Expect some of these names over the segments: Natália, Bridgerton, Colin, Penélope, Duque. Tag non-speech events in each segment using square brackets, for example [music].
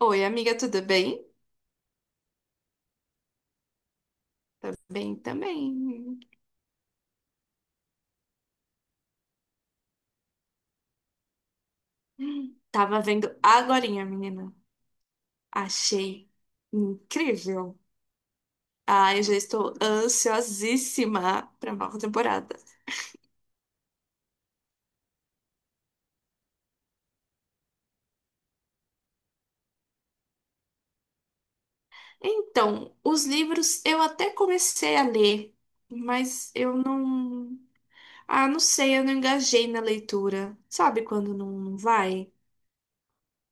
Oi, amiga, tudo bem? Tá bem também. Tava vendo agorinha, menina. Achei incrível. Ah, eu já estou ansiosíssima para nova temporada. Então, os livros eu até comecei a ler, mas eu não. Ah, não sei, eu não engajei na leitura. Sabe quando não vai?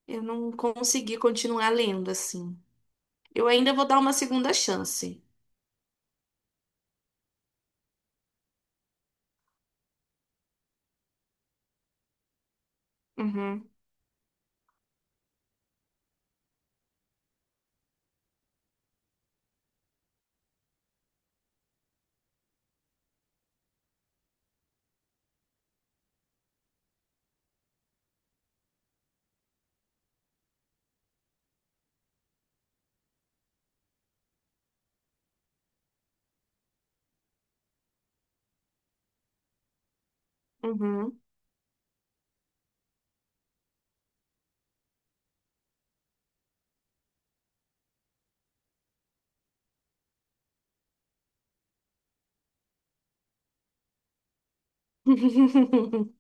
Eu não consegui continuar lendo assim. Eu ainda vou dar uma segunda chance. Uhum, uhum. [laughs]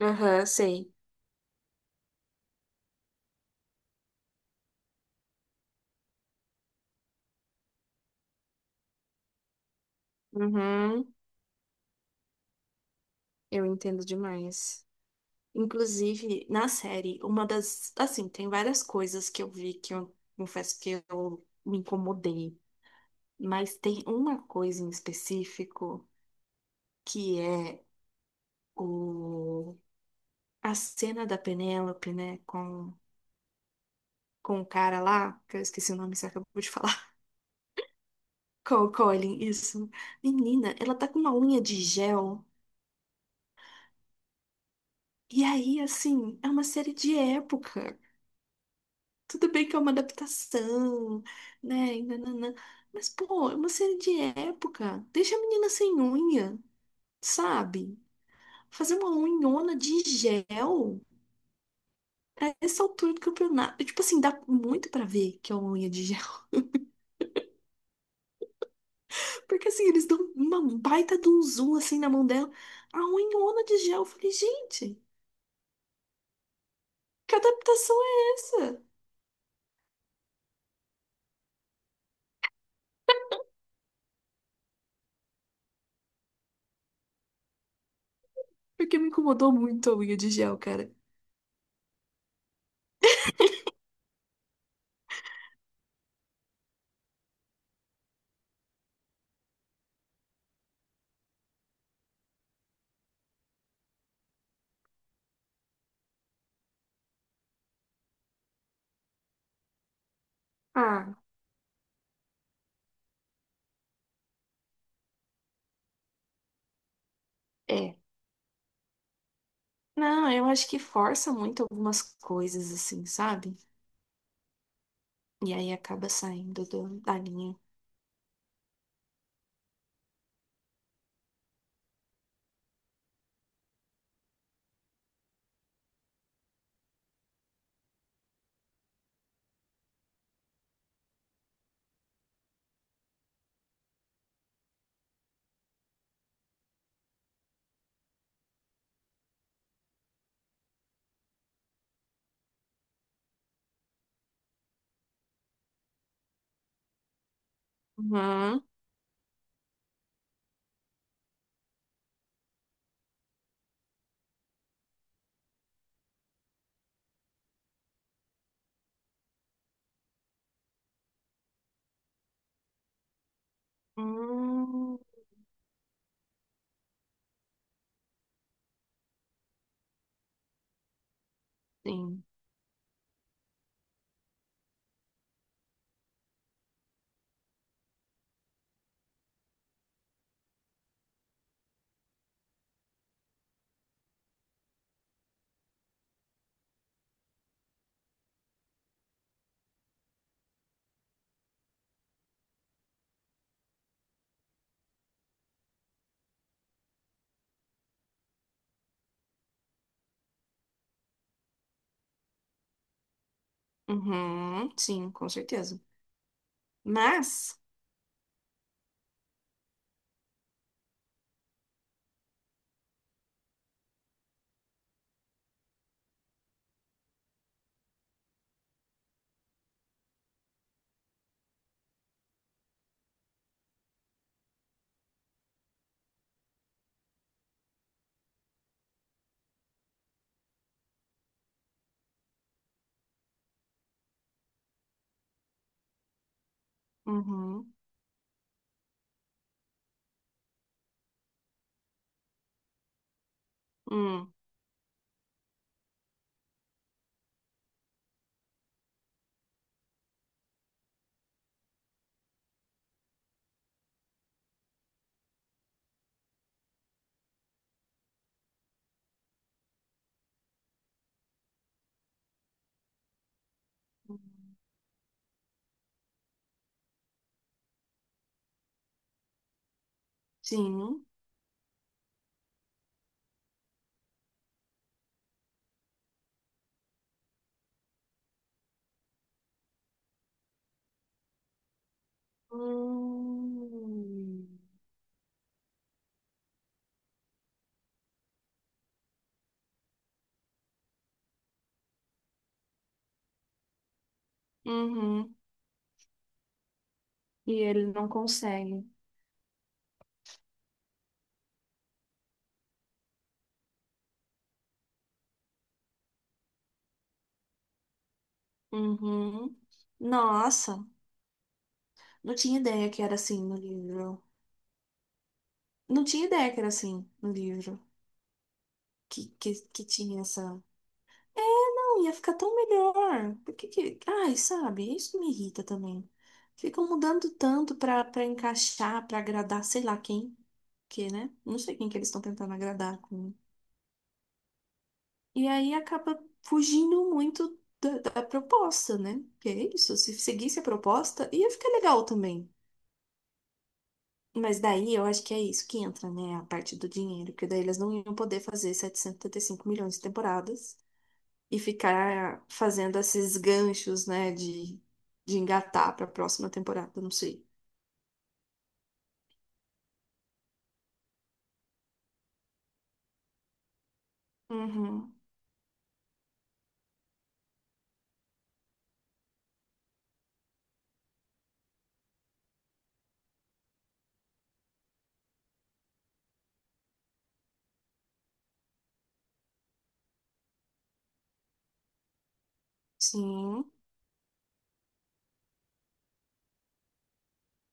Aham, sei. Uhum, eu entendo demais. Inclusive, na série, uma das. Assim, tem várias coisas que eu vi que eu confesso que eu me incomodei. Mas tem uma coisa em específico que é o, a cena da Penélope, né? Com o cara lá, que eu esqueci o nome, você acabou de falar. [laughs] Com o Colin, isso. Menina, ela tá com uma unha de gel. E aí, assim, é uma série de época. Tudo bem que é uma adaptação, né? e nananã. Mas, pô, é uma série de época. Deixa a menina sem unha, sabe? Fazer uma unhona de gel a essa altura do campeonato. Tipo assim, dá muito pra ver que é uma unha de gel. [laughs] Porque assim, eles dão uma baita de um zoom assim na mão dela. A unhona de gel. Eu falei, gente, que adaptação é essa? Porque me incomodou muito a unha de gel, cara. Ah, é. Não, eu acho que força muito algumas coisas, assim, sabe? E aí acaba saindo do- da linha. Uhum. Hum, sim. Uhum, sim, com certeza. Mas. Uhum. Hum. Sim. Hum. Uhum. E ele não consegue. Uhum. Nossa, não tinha ideia que era assim no livro. Não tinha ideia que era assim no livro. Que tinha essa. Não, ia ficar tão melhor. Por que que... Ai, sabe? Isso me irrita também. Ficam mudando tanto pra encaixar, pra agradar, sei lá quem, que, né? Não sei quem que eles estão tentando agradar com. E aí acaba fugindo muito da proposta, né? Que é isso. Se seguisse a proposta, ia ficar legal também. Mas daí eu acho que é isso que entra, né? A parte do dinheiro, porque daí eles não iam poder fazer 775 milhões de temporadas. E ficar fazendo esses ganchos, né, de engatar para a próxima temporada, não sei. Uhum, sim.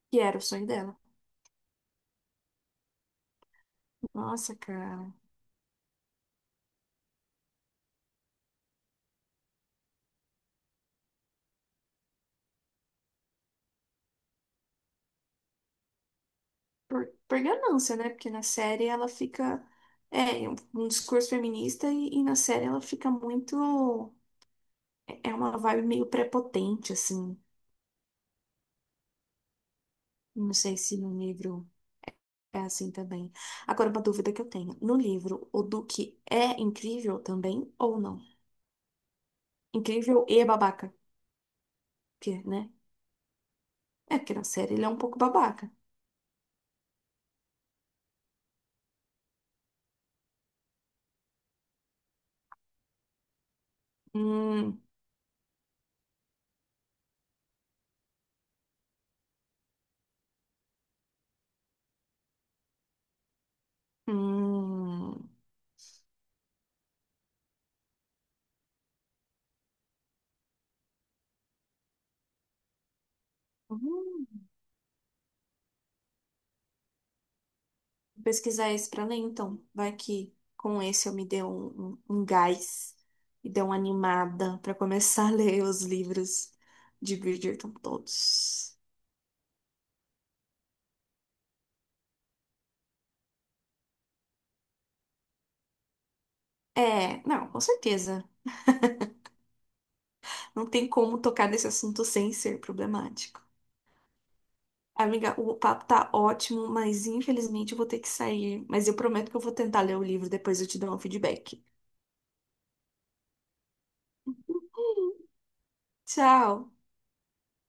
Que era o sonho dela. Nossa, cara. Por ganância, né? Porque na série ela fica. É, um um discurso feminista e na série ela fica muito. É é uma vibe meio prepotente, assim. Não sei se no livro é assim também. Agora, uma dúvida que eu tenho. No livro, o Duque é incrível também ou não? Incrível e é babaca. Porque, né? É, porque na série ele é um pouco babaca. Hum, hum. hum. Vou pesquisar esse pra ler, então. Vai que com esse eu me dê um, um gás e dê uma animada pra começar a [laughs] ler os livros de Bridgerton todos. É, não, com certeza. Não tem como tocar nesse assunto sem ser problemático. Amiga, o papo tá ótimo, mas infelizmente eu vou ter que sair. Mas eu prometo que eu vou tentar ler o livro, depois eu te dou um feedback. [laughs] Tchau!